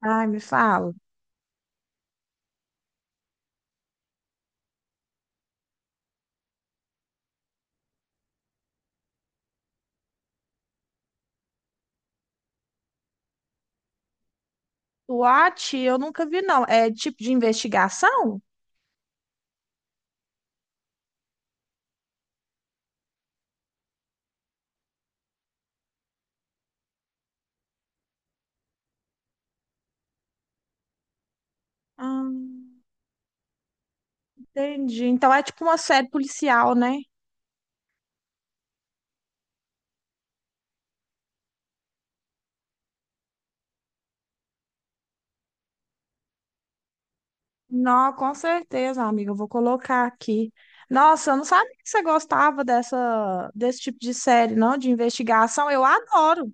Ai, me fala. SWAT, eu nunca vi, não. É tipo de investigação? Ah, entendi. Então é tipo uma série policial, né? Não, com certeza, amiga. Eu vou colocar aqui. Nossa, eu não sabia que você gostava dessa, desse tipo de série, não? De investigação. Eu adoro.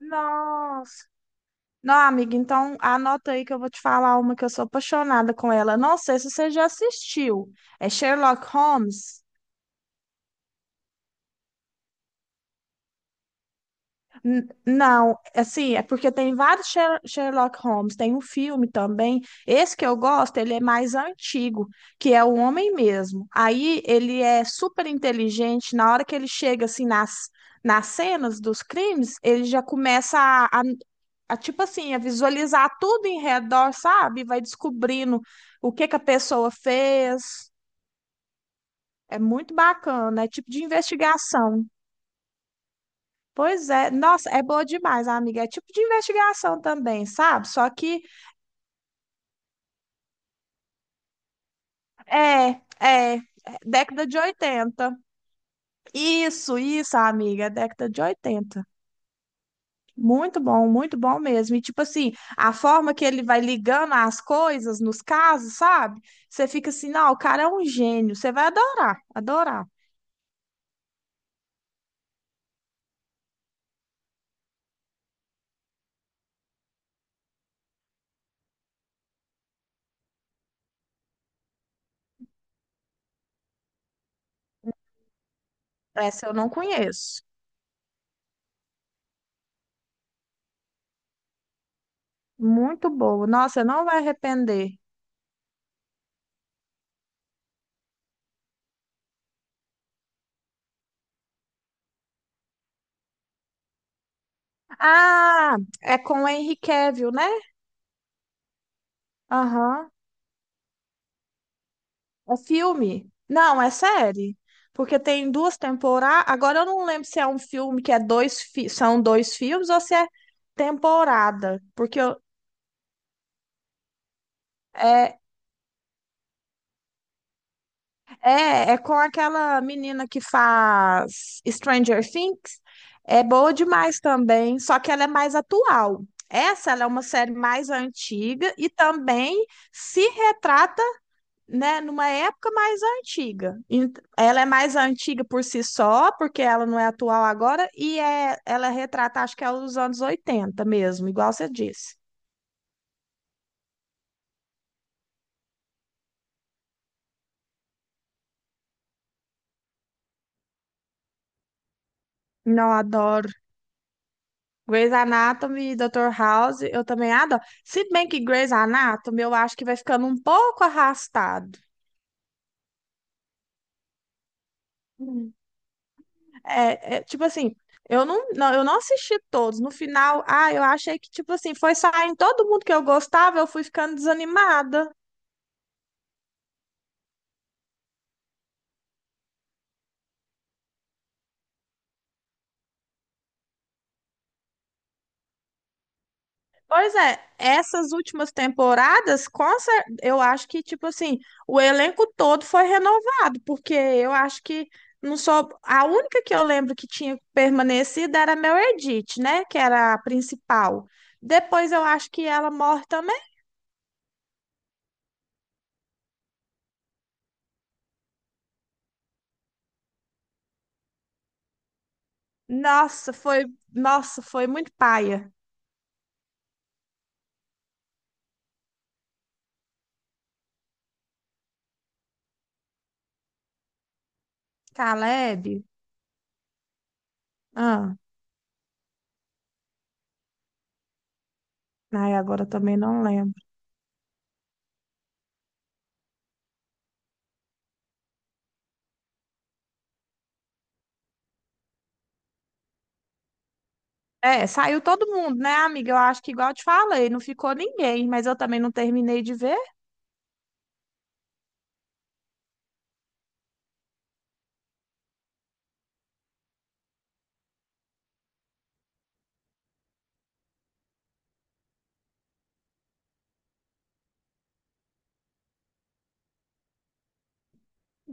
Nossa. Não, amiga, então anota aí que eu vou te falar uma que eu sou apaixonada com ela. Não sei se você já assistiu. É Sherlock Holmes. Não, assim, é porque tem vários Sherlock Holmes, tem um filme também. Esse que eu gosto, ele é mais antigo, que é o homem mesmo. Aí ele é super inteligente, na hora que ele chega assim nas cenas dos crimes, ele já começa tipo assim, a visualizar tudo em redor, sabe? Vai descobrindo o que que a pessoa fez. É muito bacana, é tipo de investigação. Pois é, nossa, é boa demais, amiga. É tipo de investigação também, sabe? Só que é, é década de oitenta. Isso, amiga, é década de oitenta. Muito bom mesmo. E tipo assim, a forma que ele vai ligando as coisas nos casos, sabe? Você fica assim, não, o cara é um gênio. Você vai adorar, adorar. Essa eu não conheço. Muito boa. Nossa, não vai arrepender. Ah, é com o Henry Cavill, né? Aham. É filme? Não, é série. Porque tem duas temporadas. Agora eu não lembro se é um filme que é dois são dois filmes ou se é temporada. É, é, é com aquela menina que faz Stranger Things. É boa demais também, só que ela é mais atual. Essa ela é uma série mais antiga e também se retrata, né, numa época mais antiga. Ela é mais antiga por si só, porque ela não é atual agora, e é, ela retrata, acho que é os anos 80 mesmo, igual você disse. Não, adoro. Grey's Anatomy, Dr. House, eu também adoro. Se bem que Grey's Anatomy, eu acho que vai ficando um pouco arrastado. Hum. Tipo assim, eu não assisti todos. No final, ah, eu achei que, tipo assim, foi saindo todo mundo que eu gostava, eu fui ficando desanimada. Pois é, essas últimas temporadas, eu acho que, tipo assim, o elenco todo foi renovado, porque eu acho que não, só a única que eu lembro que tinha permanecido era a Meredith, né? Que era a principal. Depois eu acho que ela morre também. Nossa, foi, nossa, foi muito paia. Caleb. Ah, ai, agora eu também não lembro. É, saiu todo mundo, né, amiga? Eu acho que igual eu te falei, não ficou ninguém, mas eu também não terminei de ver.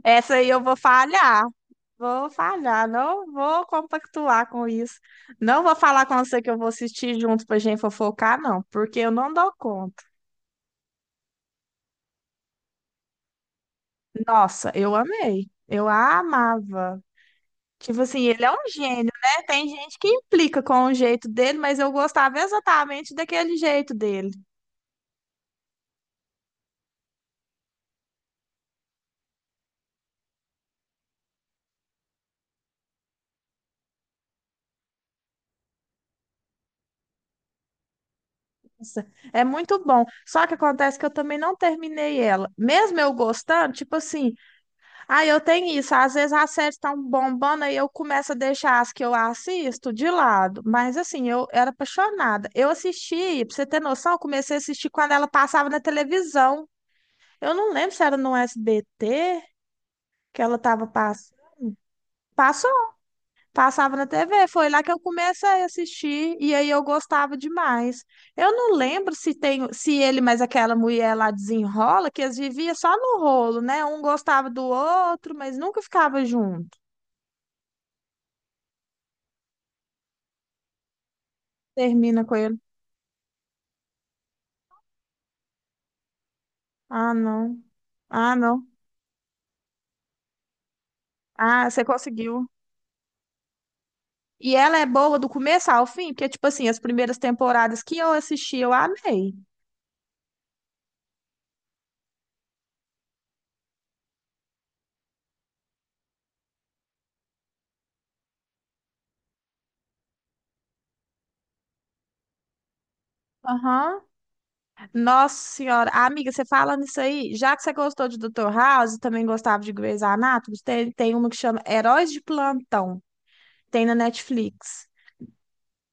Essa aí eu vou falhar. Vou falhar, não vou compactuar com isso. Não vou falar com você que eu vou assistir junto pra gente fofocar, não, porque eu não dou conta. Nossa, eu amei. Eu amava. Tipo assim, ele é um gênio, né? Tem gente que implica com o jeito dele, mas eu gostava exatamente daquele jeito dele. Nossa, é muito bom. Só que acontece que eu também não terminei ela. Mesmo eu gostando, tipo assim, ah, eu tenho isso. Às vezes as séries estão bombando aí eu começo a deixar as que eu assisto de lado. Mas assim, eu era apaixonada. Eu assisti, pra você ter noção, eu comecei a assistir quando ela passava na televisão. Eu não lembro se era no SBT que ela tava passando. Passava na TV, foi lá que eu comecei a assistir e aí eu gostava demais. Eu não lembro se tem, se ele mais aquela mulher lá desenrola, que eles viviam só no rolo, né? Um gostava do outro, mas nunca ficava junto. Termina com ele. Ah, não. Ah, não. Ah, você conseguiu. E ela é boa do começo ao fim, porque tipo assim, as primeiras temporadas que eu assisti, eu amei. Aham. Nossa senhora, amiga, você falando isso aí, já que você gostou de Doutor House, também gostava de Grey's Anatomy, tem uma que chama Heróis de Plantão, tem na Netflix.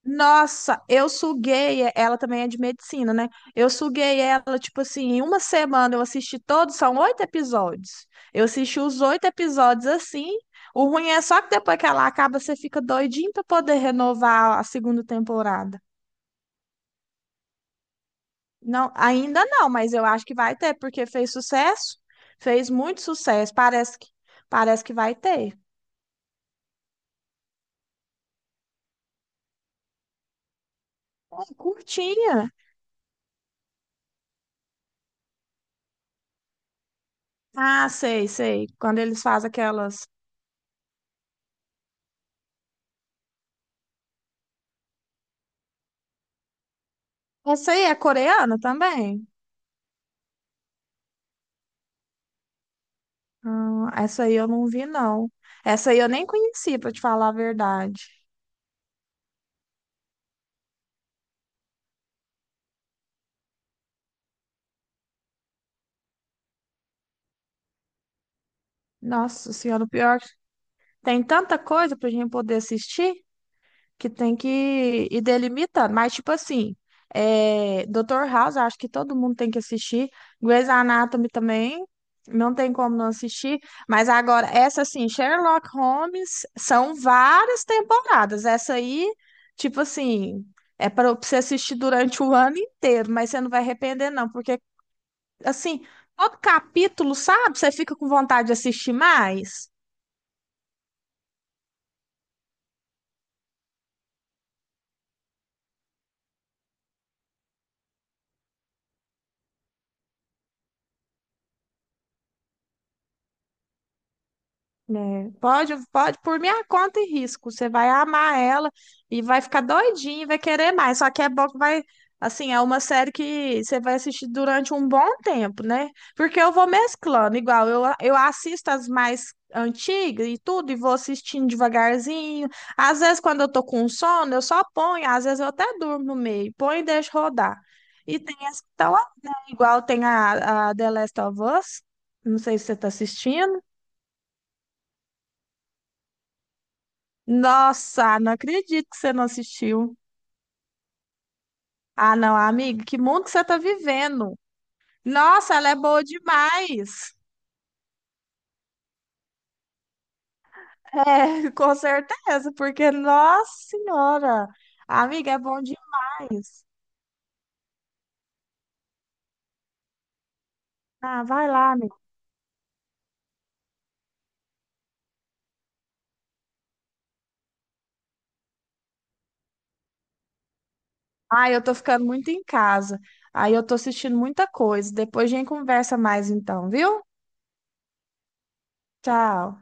Nossa, eu suguei, ela também é de medicina, né? Eu suguei ela, tipo assim, em uma semana eu assisti todos, são oito episódios. Eu assisti os oito episódios assim. O ruim é só que depois que ela acaba, você fica doidinho pra poder renovar a segunda temporada. Não, ainda não, mas eu acho que vai ter, porque fez sucesso, fez muito sucesso, parece que vai ter. Ai, curtinha. Ah, sei, sei. Quando eles fazem aquelas. Essa aí é coreana também? Ah, essa aí eu não vi, não. Essa aí eu nem conheci, pra te falar a verdade. Nossa Senhora, o pior que tem tanta coisa pra gente poder assistir, que tem que ir delimitando. Mas, tipo assim, é, Dr. House, eu acho que todo mundo tem que assistir. Grey's Anatomy também, não tem como não assistir. Mas agora, essa assim, Sherlock Holmes, são várias temporadas. Essa aí, tipo assim, é para você assistir durante o ano inteiro, mas você não vai arrepender, não, porque, assim, todo capítulo, sabe? Você fica com vontade de assistir mais. Né? Pode, pode, por minha conta e risco. Você vai amar ela e vai ficar doidinho, e vai querer mais. Só que é bom que vai, assim, é uma série que você vai assistir durante um bom tempo, né? Porque eu vou mesclando, igual eu assisto as mais antigas e tudo, e vou assistindo devagarzinho. Às vezes, quando eu tô com sono, eu só ponho, às vezes eu até durmo no meio, ponho e deixo rodar. E tem as que estão, igual tem a The Last of Us. Não sei se você tá assistindo. Nossa, não acredito que você não assistiu. Ah, não, amiga, que mundo que você tá vivendo. Nossa, ela é boa demais. É, com certeza, porque, nossa senhora, amiga, é bom demais. Ah, vai lá, amiga. Ah, eu tô ficando muito em casa. Aí eu tô assistindo muita coisa. Depois a gente conversa mais então, viu? Tchau.